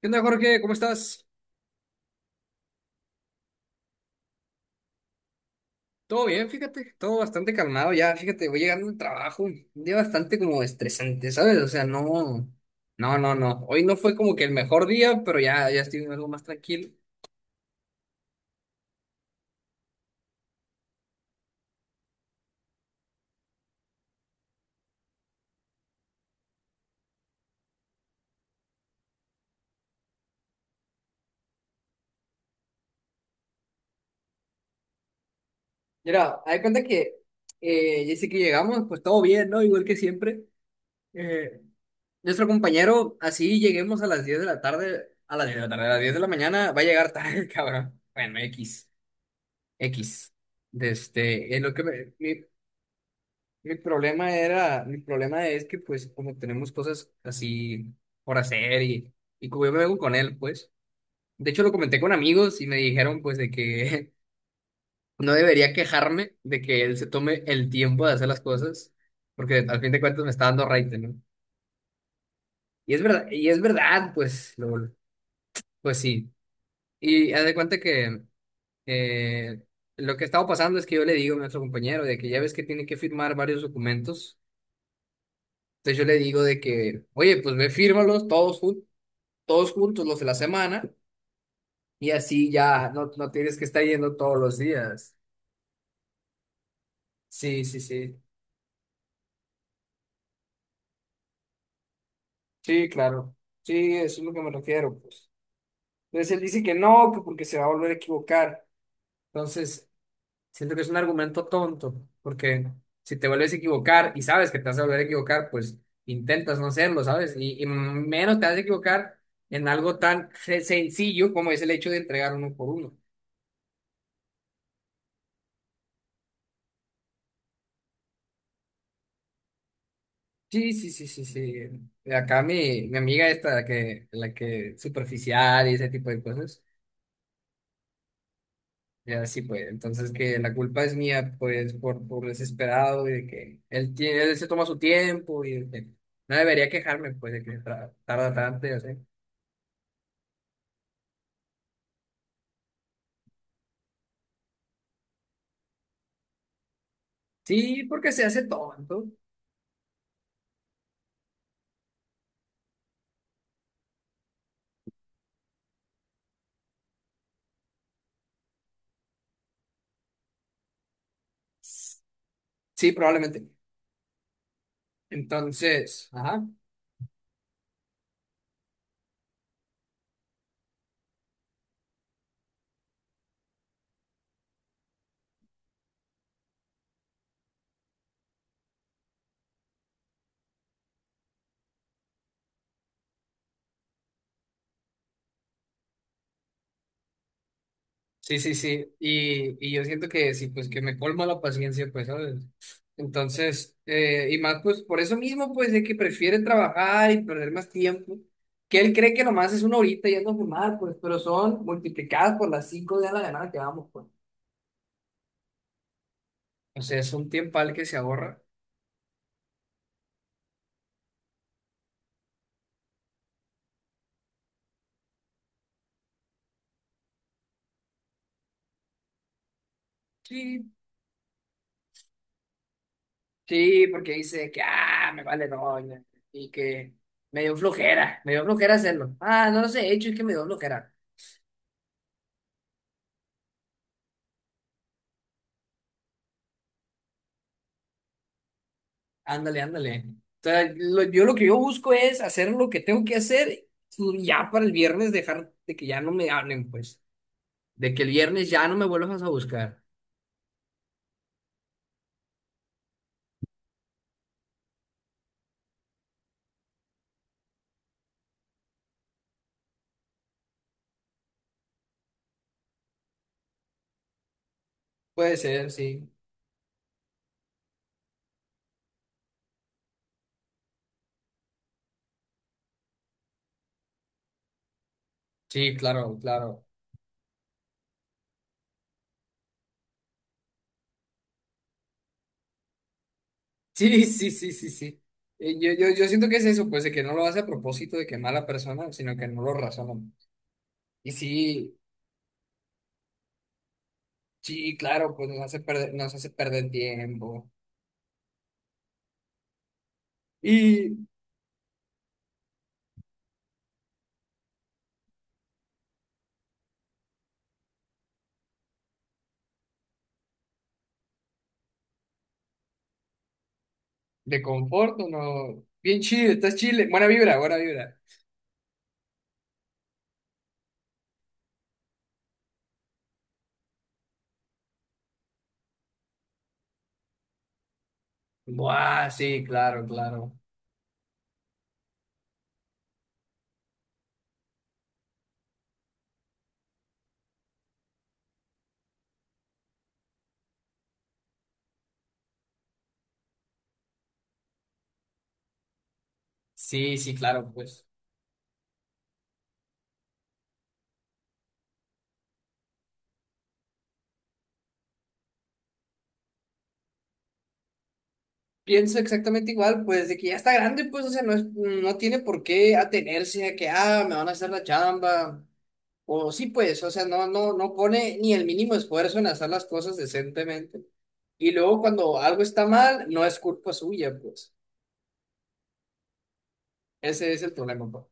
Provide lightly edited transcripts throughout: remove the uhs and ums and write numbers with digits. ¿Qué onda, Jorge? ¿Cómo estás? Todo bien, fíjate, todo bastante calmado ya, fíjate, voy llegando al trabajo, un día bastante como estresante, ¿sabes? O sea, no, no, no, no, hoy no fue como que el mejor día, pero ya, ya estoy algo más tranquilo. Mira, hay cuenta que ya sé que llegamos, pues todo bien, ¿no? Igual que siempre. Eh, Nuestro compañero, así lleguemos a las 10 de la tarde, a las 10 de la mañana, va a llegar tarde, cabrón. Bueno, X. de Este, en lo que me, mi, Mi problema es que pues como tenemos cosas así por hacer y como yo me vengo con él, pues. De hecho lo comenté con amigos y me dijeron pues de que no debería quejarme de que él se tome el tiempo de hacer las cosas, porque al fin de cuentas me está dando raite, ¿no? Y es verdad, pues, pues sí. Y haz de cuenta que eh, lo que estaba pasando es que yo le digo a nuestro compañero de que ya ves que tiene que firmar varios documentos. Entonces yo le digo de que, oye, pues ve, fírmalos todos, todos juntos los de la semana y así ya no tienes que estar yendo todos los días. Sí, sí, sí. Sí, claro. Sí, eso es lo que me refiero, pues. Entonces él dice que no, que porque se va a volver a equivocar. Entonces, siento que es un argumento tonto, porque si te vuelves a equivocar y sabes que te vas a volver a equivocar, pues intentas no hacerlo, ¿sabes? Y menos te vas a equivocar en algo tan sencillo como es el hecho de entregar uno por uno. Sí, sí, sí, sí, sí. De acá mi amiga esta, la que superficial y ese tipo de cosas. Ya sí, pues. Entonces que la culpa es mía, pues, por desesperado y de que él se toma su tiempo y de que no debería quejarme, pues, de que tarda tanto y así. Sí, porque se hace tonto. Sí, probablemente. Entonces, ajá. Sí, sí, sí. Y yo siento que sí, pues que me colma la paciencia, pues, ¿sabes? Entonces, y más, pues, por eso mismo, pues, de que prefiere trabajar y perder más tiempo, que él cree que nomás es una horita yendo a fumar, pues, pero son multiplicadas por las cinco de la ganada que vamos, pues. O sea, es un tiempal que se ahorra. Sí. Sí, porque dice que, ah, me vale doña, y que me dio flojera hacerlo. Ah, no lo sé, hecho, es que me dio flojera. Ándale, ándale. O sea, lo- yo lo que yo busco es hacer lo que tengo que hacer y ya para el viernes dejar de que ya no me hablen, pues. De que el viernes ya no me vuelvas a buscar. Puede ser, sí. Sí, claro, claro. Sí, sí, sí, sí, sí. Yo siento que es eso, pues, de que no lo hace a propósito de que mala persona, sino que no lo razona. Y sí, sí, claro, pues nos hace perder tiempo. Y de conforto, no. Bien chido, estás chile. Buena vibra, buena vibra. Buah, sí, claro, claro. Sí, sí, claro, pues. Pienso exactamente igual, pues, de que ya está grande, pues, o sea, no tiene por qué atenerse a que, ah, me van a hacer la chamba. O sí, pues, o sea, no pone ni el mínimo esfuerzo en hacer las cosas decentemente. Y luego cuando algo está mal, no es culpa suya, pues. Ese es el problema, pues.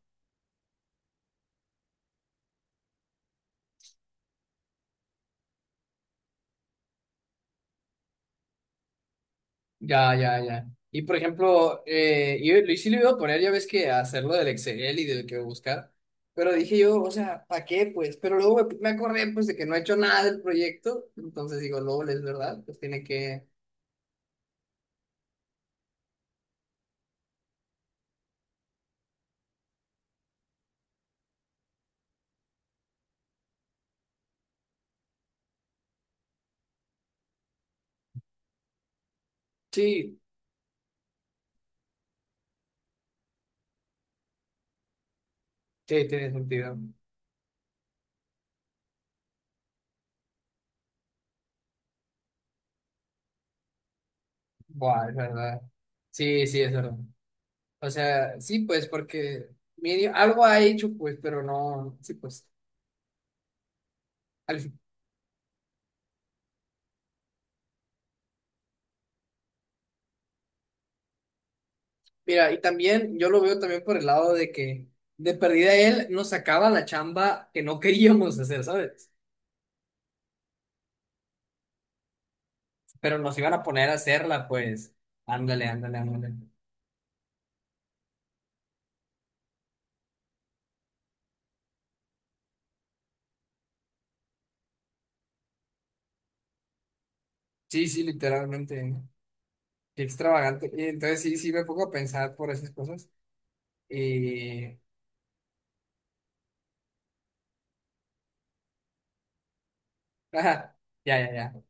Ya, ya, ya. Y por ejemplo, yo sí lo iba a poner, ya ves que hacerlo del Excel y del que buscar, pero dije yo, o sea, ¿para qué? Pues, pero luego me acordé pues de que no he hecho nada del proyecto, entonces digo, LOL, es verdad, pues tiene que. Sí, sí, tiene sentido. Buah, es verdad. Sí, sí, es verdad. O sea, sí, pues porque medio, algo ha hecho, pues, pero no, sí, pues. Mira, y también yo lo veo también por el lado de que de perdida él nos sacaba la chamba que no queríamos hacer, ¿sabes? Pero nos iban a poner a hacerla, pues. Ándale, ándale, ándale. Sí, sí, literalmente. Qué extravagante. Y entonces sí, sí me pongo a pensar por esas cosas. Y... Ajá, ya, ya, ya.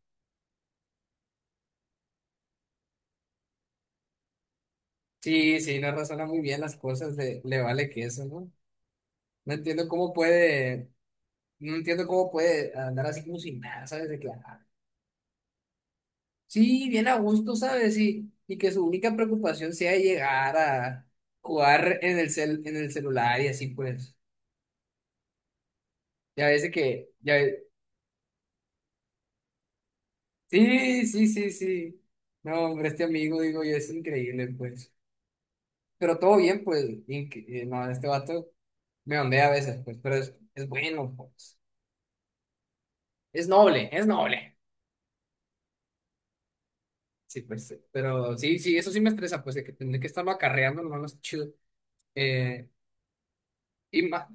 Sí, sí, no razona muy bien las cosas, le vale que eso, ¿no? No entiendo cómo puede, no entiendo cómo puede andar así como sin nada, ¿sabes? De claro. Sí, bien a gusto, ¿sabes? Y que su única preocupación sea llegar a jugar en en el celular y así pues. Ya ves de que, ya ve- Sí, sí, sí, sí. No, hombre, este amigo, digo yo, es increíble, pues. Pero todo bien, pues. No, este vato me ondea a veces, pues, pero es bueno, pues. Es noble, es noble. Sí, pues. Pero sí, sí, eso sí me estresa, pues, de que tendré que estarlo acarreando, no es chido. Eh, y más.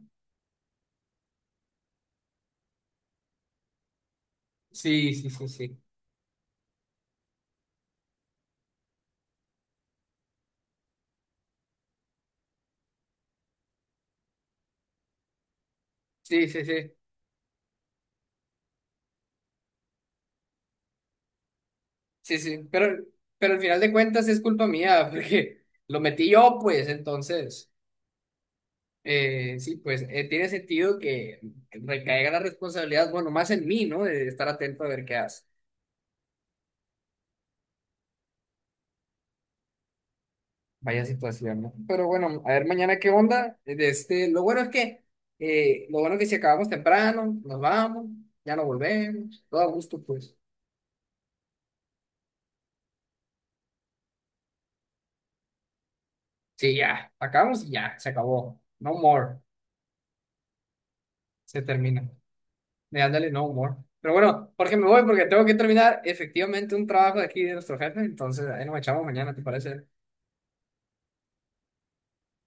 Sí, sí, sí, sí. Sí, sí, sí. Sí, sí, pero al final de cuentas es culpa mía, porque lo metí yo, pues, entonces, sí, pues, tiene sentido que recaiga la responsabilidad, bueno, más en mí, ¿no? De estar atento a ver qué hace. Vaya situación, ¿no? Pero bueno, a ver mañana qué onda. De Este, lo bueno es que, lo bueno es que si acabamos temprano, nos vamos, ya no volvemos, todo a gusto, pues. Sí, ya, acabamos y ya, se acabó. No more, se termina. De Ándale, no humor. Pero bueno, Jorge, me voy porque tengo que terminar efectivamente un trabajo de aquí de nuestro jefe, entonces ahí nos echamos mañana, ¿te parece?